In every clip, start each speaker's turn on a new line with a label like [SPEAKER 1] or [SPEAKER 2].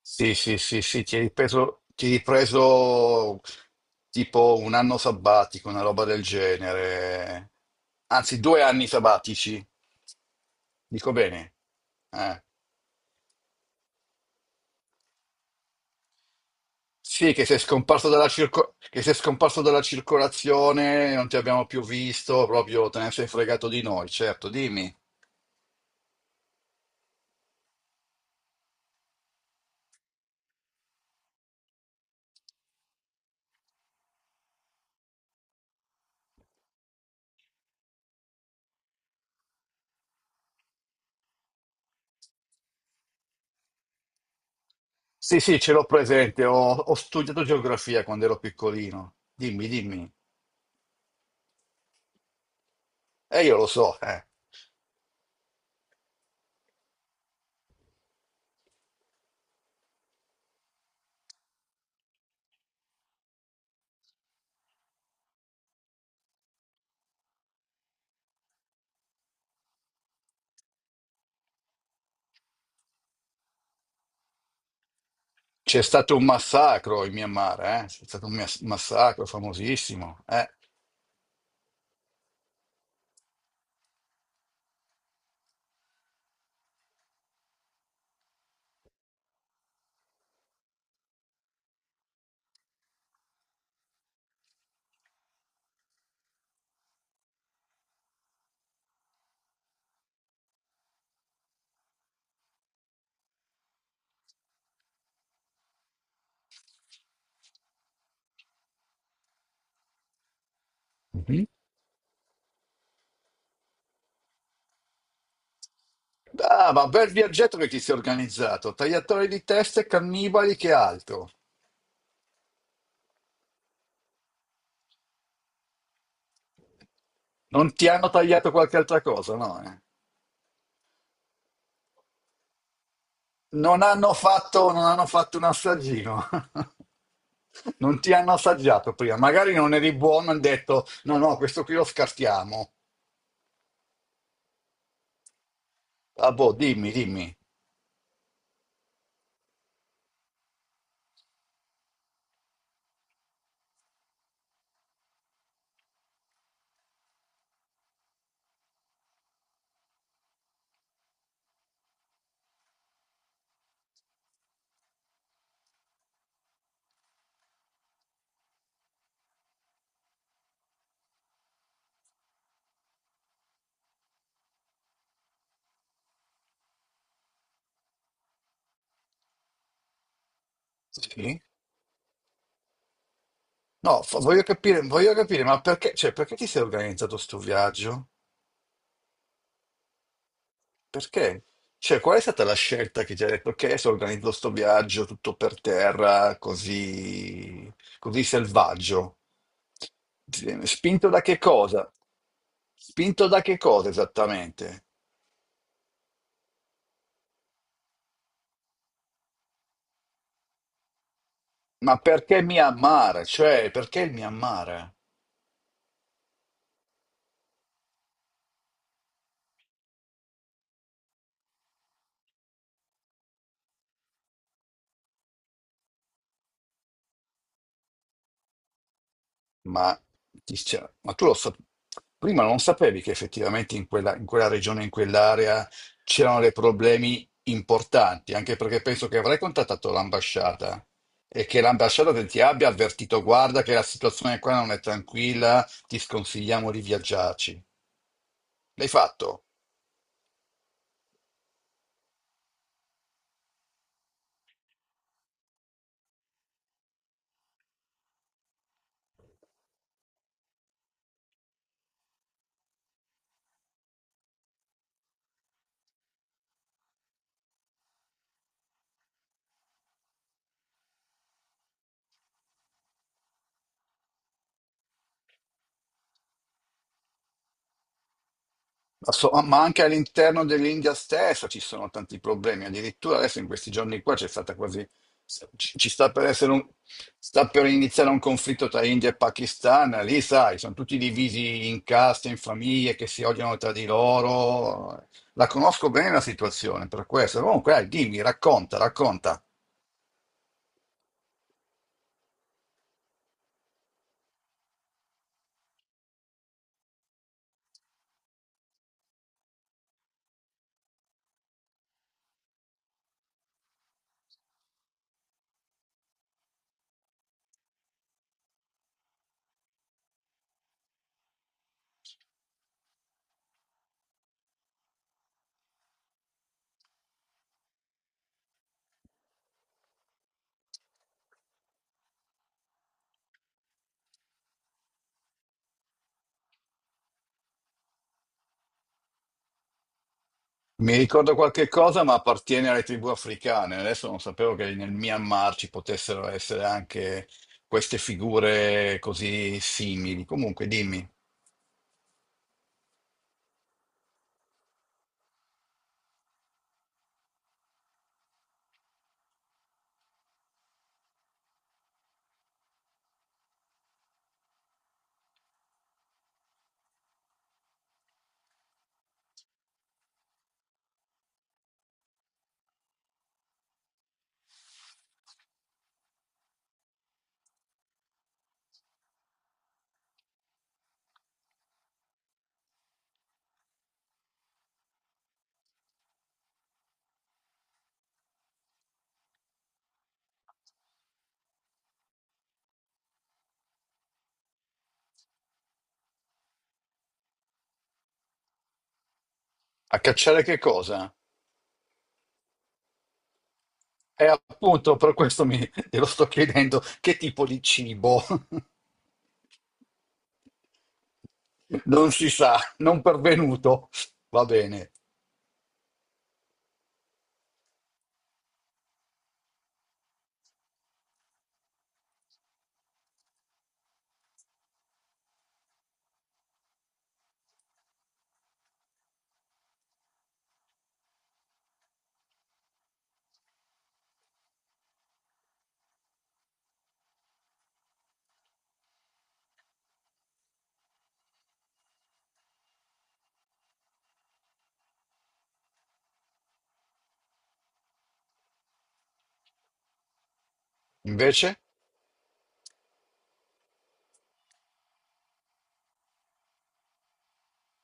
[SPEAKER 1] Sì, sì, sì, sì, ti hai ripreso tipo un anno sabbatico, una roba del genere. Anzi, due anni sabbatici. Dico bene. Eh. Sì, che sei scomparso dalla circo- che sei scomparso dalla circolazione, non ti abbiamo più visto, proprio te ne sei fregato di noi, certo, dimmi. Sì, sì, ce l'ho presente, ho studiato geografia quando ero piccolino. Dimmi, dimmi. E io lo so, eh. C'è stato un massacro in Myanmar, eh? C'è stato un massacro famosissimo, eh? Mhm. Ah, ma bel viaggetto che ti sei organizzato. Tagliatori di teste, cannibali, che altro? Non ti hanno tagliato qualche altra cosa, no? Eh? Non hanno fatto, non hanno fatto un assaggino. Non ti hanno assaggiato prima. Magari non eri buono, hanno detto, no, no, questo qui lo scartiamo. Ah, boh, dimmi, dimmi. Sì? No, voglio capire, ma perché, cioè, perché ti sei organizzato sto viaggio? Perché? Cioè, qual è stata la scelta che ti ha detto, ok, adesso organizzo sto viaggio tutto per terra, così, così selvaggio? Spinto da che cosa? Spinto da che cosa esattamente? Ma perché mi amare? Cioè, perché il Myanmar? Ma, ma prima non sapevi che effettivamente in in quella regione, in quell'area c'erano dei problemi importanti, anche perché penso che avrai contattato l'ambasciata e che ti abbia avvertito, guarda che la situazione qua non è tranquilla, ti sconsigliamo di viaggiarci. L'hai fatto? Ma anche all'interno dell'India stessa ci sono tanti problemi. Addirittura adesso in questi giorni qua c'è stata quasi. Ci sta per essere sta per iniziare un conflitto tra India e Pakistan. Lì, sai, sono tutti divisi in caste, in famiglie che si odiano tra di loro. La conosco bene la situazione per questo. Comunque, dai, dimmi, racconta, racconta. Mi ricordo qualche cosa, ma appartiene alle tribù africane. Adesso non sapevo che nel Myanmar ci potessero essere anche queste figure così simili. Comunque, dimmi, a cacciare che cosa? E appunto per questo te lo sto chiedendo, che tipo di cibo? Non si sa, non pervenuto. Va bene. Invece?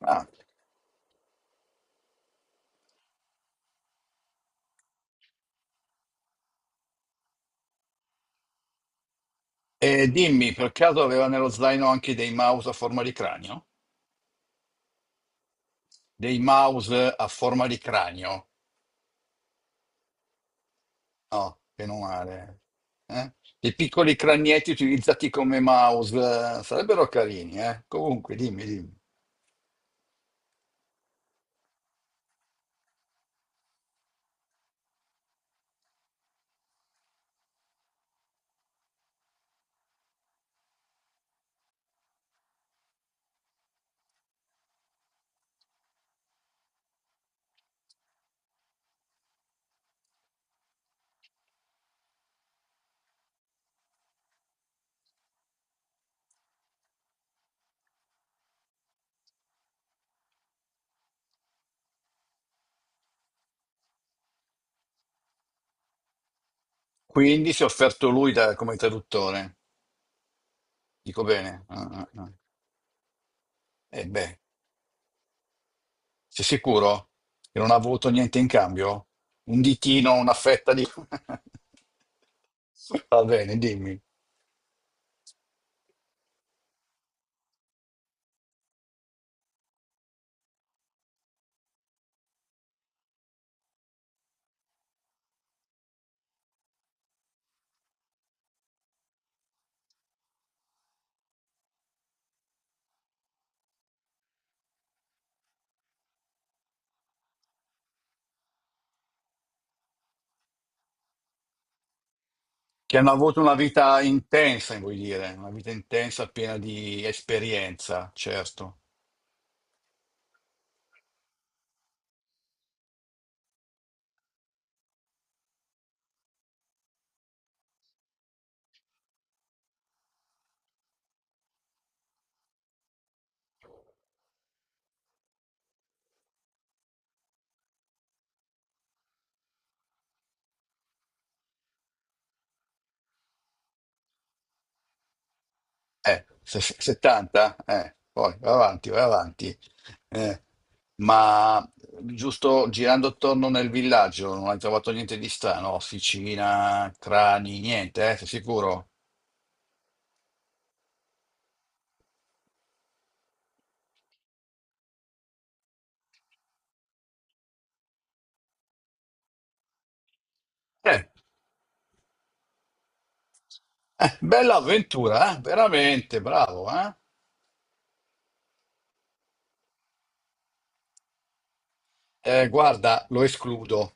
[SPEAKER 1] Ah, e dimmi, per caso aveva nello zaino anche dei mouse a forma di cranio? Dei mouse a forma di cranio? No, meno male. Eh. I piccoli cranietti utilizzati come mouse sarebbero carini, eh. Comunque, dimmi, dimmi. Quindi si è offerto lui come traduttore. Dico bene. Ah, ah, ah. E beh, sei sicuro che non ha avuto niente in cambio? Un ditino, una fetta di... Va bene, dimmi. Che hanno avuto una vita intensa, vuoi dire, una vita intensa piena di esperienza, certo. 70? Poi vai avanti, vai avanti. Eh, ma giusto girando attorno nel villaggio non hai trovato niente di strano? Officina, crani, niente, sei sicuro? Eh, bella avventura, veramente, bravo, eh? Guarda, lo escludo.